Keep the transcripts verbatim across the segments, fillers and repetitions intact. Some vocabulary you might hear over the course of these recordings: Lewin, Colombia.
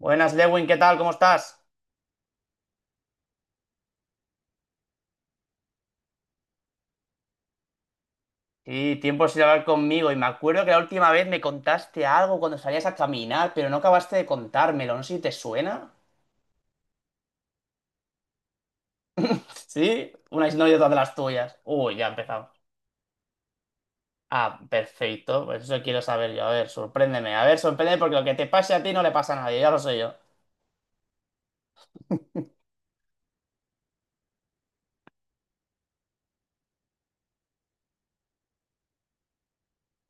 Buenas, Lewin, ¿qué tal? ¿Cómo estás? Sí, tiempo sin hablar conmigo y me acuerdo que la última vez me contaste algo cuando salías a caminar, pero no acabaste de contármelo, no sé si te suena. ¿Sí? Una historia de las tuyas. Uy, ya empezamos. Ah, perfecto, pues eso quiero saber yo. A ver, sorpréndeme, a ver, sorpréndeme porque lo que te pase a ti no le pasa a nadie, ya lo sé yo.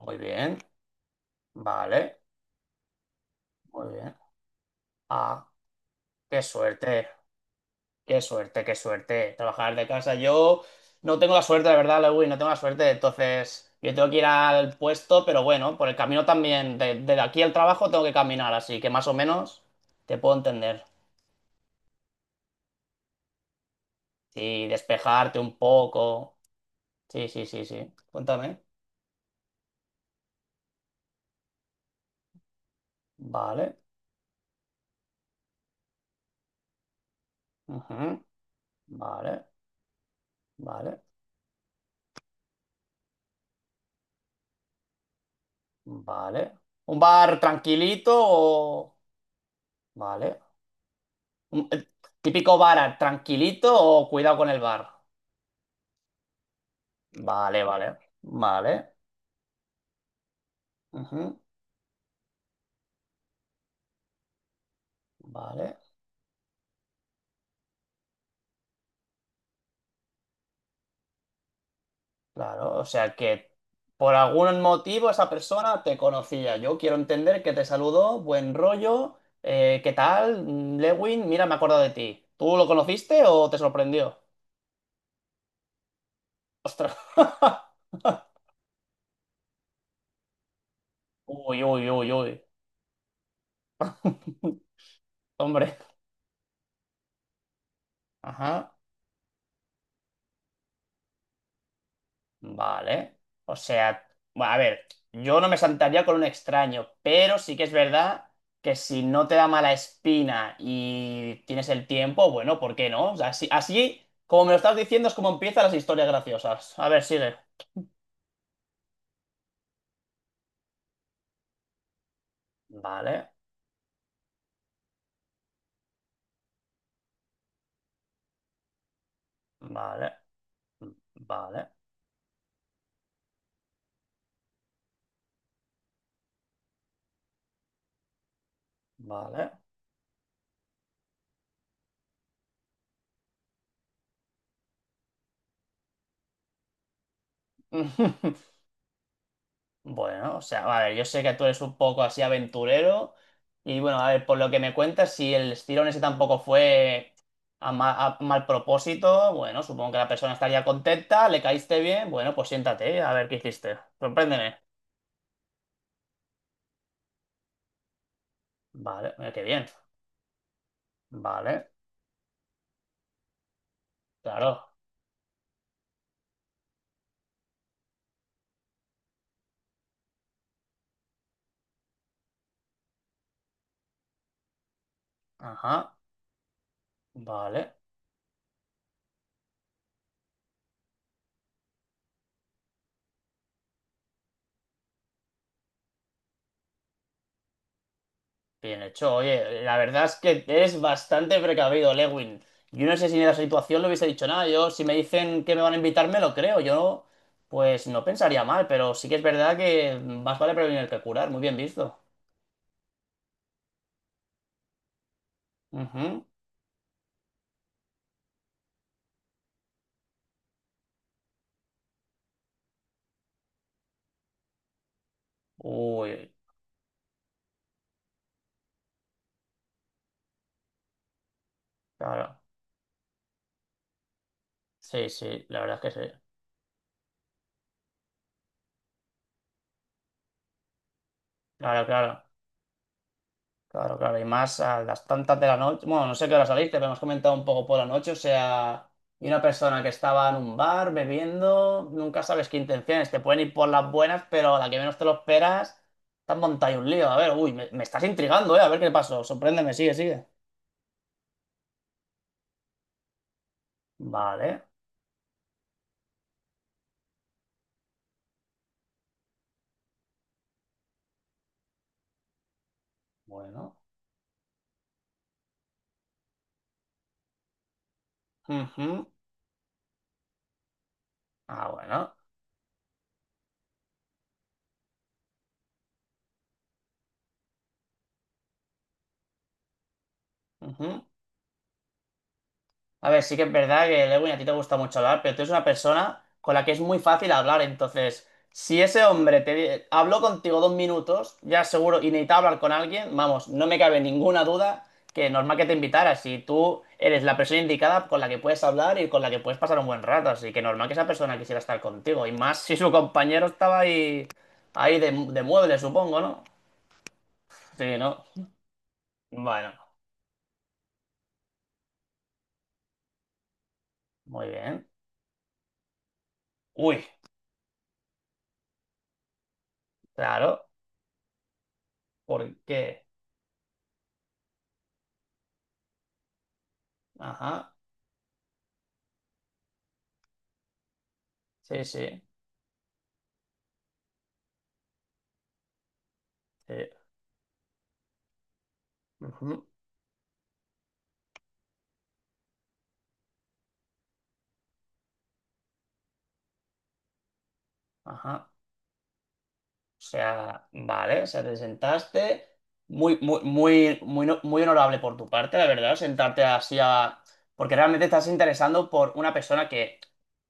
Muy bien, vale, muy bien. Ah, qué suerte. Qué suerte, qué suerte. Trabajar de casa. Yo no tengo la suerte, la verdad, Lewis, no tengo la suerte. Entonces, yo tengo que ir al puesto, pero bueno, por el camino también, de, de aquí al trabajo tengo que caminar, así que más o menos te puedo entender. Sí, despejarte un poco. Sí, sí, sí, sí. Cuéntame. Vale. Ujú. Vale, vale, vale. ¿Un bar tranquilito o...? Vale. Un- eh, Típico bar tranquilito o cuidado con el bar. Vale, vale, vale. Ujú. Vale, claro. O sea que por algún motivo esa persona te conocía. Yo quiero entender que te saludó, buen rollo. Eh, ¿qué tal? Mm, Lewin, mira, me acuerdo de ti. ¿Tú lo conociste o te sorprendió? Ostras. Uy, uy, uy, uy. Hombre. Ajá. Vale. O sea, bueno, a ver, yo no me sentaría con un extraño, pero sí que es verdad que si no te da mala espina y tienes el tiempo, bueno, ¿por qué no? O sea, así, así como me lo estás diciendo, es como empiezan las historias graciosas. A ver, sigue. Vale, vale, vale, vale. Bueno, o sea, a ver, yo sé que tú eres un poco así aventurero y bueno, a ver, por lo que me cuentas, si el estirón ese tampoco fue a, ma- a mal propósito, bueno, supongo que la persona estaría contenta, le caíste bien, bueno, pues siéntate, a ver qué hiciste. Sorpréndeme. Vale, mira, qué bien. Vale, claro. Ajá, vale. Bien hecho, oye, la verdad es que es bastante precavido, Lewin. Yo no sé si en esa situación le hubiese dicho nada. Yo, si me dicen que me van a invitar, me lo creo. Yo, pues no pensaría mal, pero sí que es verdad que más vale prevenir que curar. Muy bien visto. Ujú. Uy, claro. Sí, sí, la verdad es que sí. Claro, claro. Claro, claro, y más a las tantas de la noche. Bueno, no sé qué hora saliste, pero hemos comentado un poco por la noche. O sea, y una persona que estaba en un bar bebiendo, nunca sabes qué intenciones. Te pueden ir por las buenas, pero a la que menos te lo esperas, te has montado ahí un lío. A ver, uy, me, me estás intrigando, ¿eh? A ver qué pasó. Sorpréndeme, sigue, sigue. Vale, bueno. Ujú. Ah, bueno. Ujú. A ver, sí que es verdad que Lewin a ti te gusta mucho hablar, pero tú eres una persona con la que es muy fácil hablar. Entonces, si ese hombre te di- habló contigo dos minutos, ya seguro, y necesitaba hablar con alguien, vamos, no me cabe ninguna duda que normal que te invitara. Si tú eres la persona indicada con la que puedes hablar y con la que puedes pasar un buen rato, así que normal que esa persona quisiera estar contigo. Y más si su compañero estaba ahí, ahí de, de mueble, supongo, ¿no? Sí, ¿no? Bueno, muy bien. Uy, claro, porque. Ajá, sí, sí. Eh, Ujú, ajá. O sea, vale, o sea, te sentaste. Muy, muy, muy, muy, no- muy honorable por tu parte, la verdad, sentarte así a. Porque realmente estás interesando por una persona que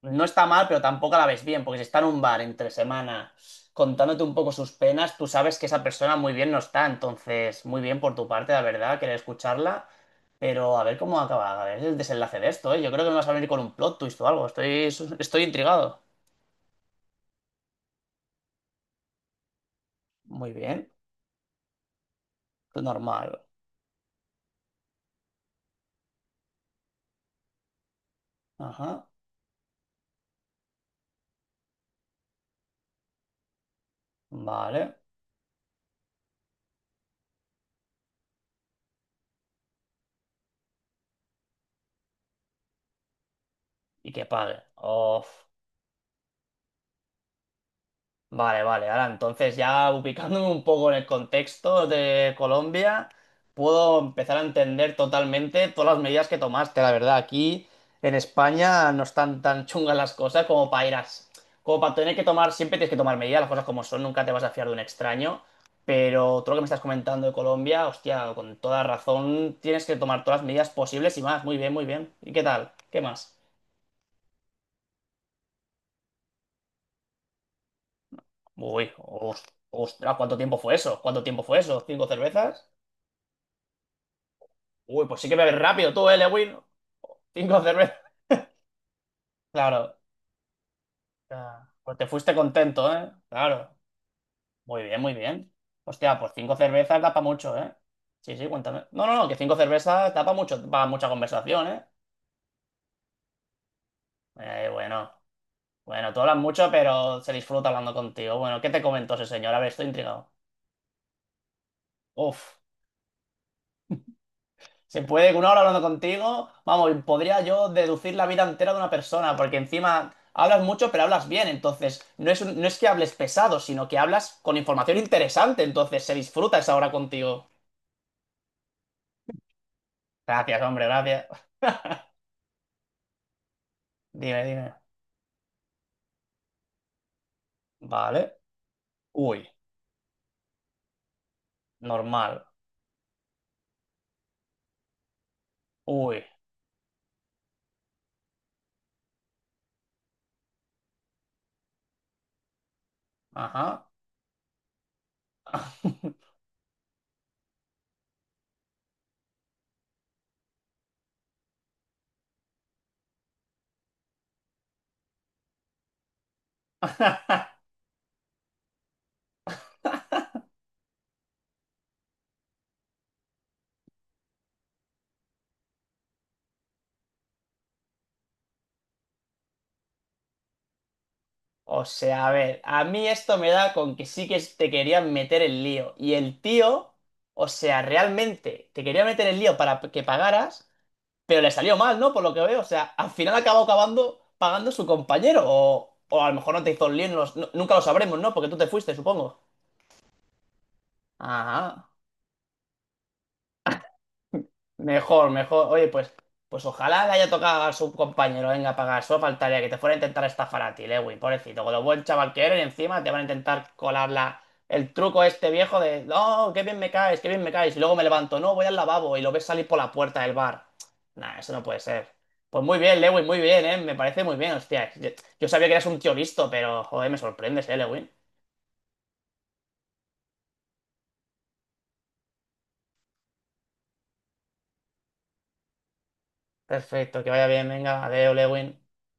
no está mal, pero tampoco la ves bien, porque si está en un bar entre semana contándote un poco sus penas, tú sabes que esa persona muy bien no está. Entonces, muy bien por tu parte, la verdad, querer escucharla. Pero a ver cómo acaba, a ver el desenlace de esto, ¿eh? Yo creo que me vas a venir con un plot twist o algo. Estoy, estoy intrigado. Muy bien. Normal. Ajá. Vale. Y que pague. Of. Vale, vale. Ahora entonces ya ubicándome un poco en el contexto de Colombia, puedo empezar a entender totalmente todas las medidas que tomaste. La verdad, aquí en España no están tan chungas las cosas como para ir a... Como para tener que tomar, siempre tienes que tomar medidas, las cosas como son, nunca te vas a fiar de un extraño. Pero todo lo que me estás comentando de Colombia, hostia, con toda razón, tienes que tomar todas las medidas posibles y más. Muy bien, muy bien. ¿Y qué tal? ¿Qué más? Uy, os- Ostras, ¿cuánto tiempo fue eso? ¿Cuánto tiempo fue eso? ¿Cinco cervezas? Uy, pues sí que bebes rápido tú, eh, Lewin. Cinco cervezas. Claro. Ah, pues te fuiste contento, ¿eh? Claro. Muy bien, muy bien. Hostia, pues cinco cervezas da pa' mucho, ¿eh? Sí, sí, cuéntame. No, no, no, que cinco cervezas da pa' mucho, para mucha conversación, ¿eh? Eh, bueno. Bueno, tú hablas mucho, pero se disfruta hablando contigo. Bueno, ¿qué te comentó ese señor? A ver, estoy intrigado. Uf. Se puede que una hora hablando contigo, vamos, podría yo deducir la vida entera de una persona, porque encima hablas mucho, pero hablas bien, entonces no es, un- no es que hables pesado, sino que hablas con información interesante, entonces se disfruta esa hora contigo. Gracias, hombre, gracias. Dime, dime. Vale. Uy, normal. Uy, ajá. O sea, a ver, a mí esto me da con que sí que te querían meter el lío. Y el tío, o sea, realmente te quería meter el lío para que pagaras, pero le salió mal, ¿no? Por lo que veo. O sea, al final acabó acabando pagando su compañero. O, o a lo mejor no te hizo el lío, no lo- no- nunca lo sabremos, ¿no? Porque tú te fuiste, supongo. Ajá. Mejor, mejor. Oye, pues, pues ojalá le haya tocado a su compañero. Venga, pagar. Solo faltaría que te fuera a intentar estafar a ti, Lewin, pobrecito. Con lo buen chaval que eres, encima te van a intentar colar la- el truco este viejo de, no, qué bien me caes, qué bien me caes. Y luego me levanto, no, voy al lavabo y lo ves salir por la puerta del bar. Nah, eso no puede ser. Pues muy bien, Lewin, muy bien, ¿eh? Me parece muy bien, hostia. Yo, yo sabía que eras un tío listo, pero, joder, me sorprendes, ¿eh, Lewin? Perfecto, que vaya bien, venga, adeo, Lewin.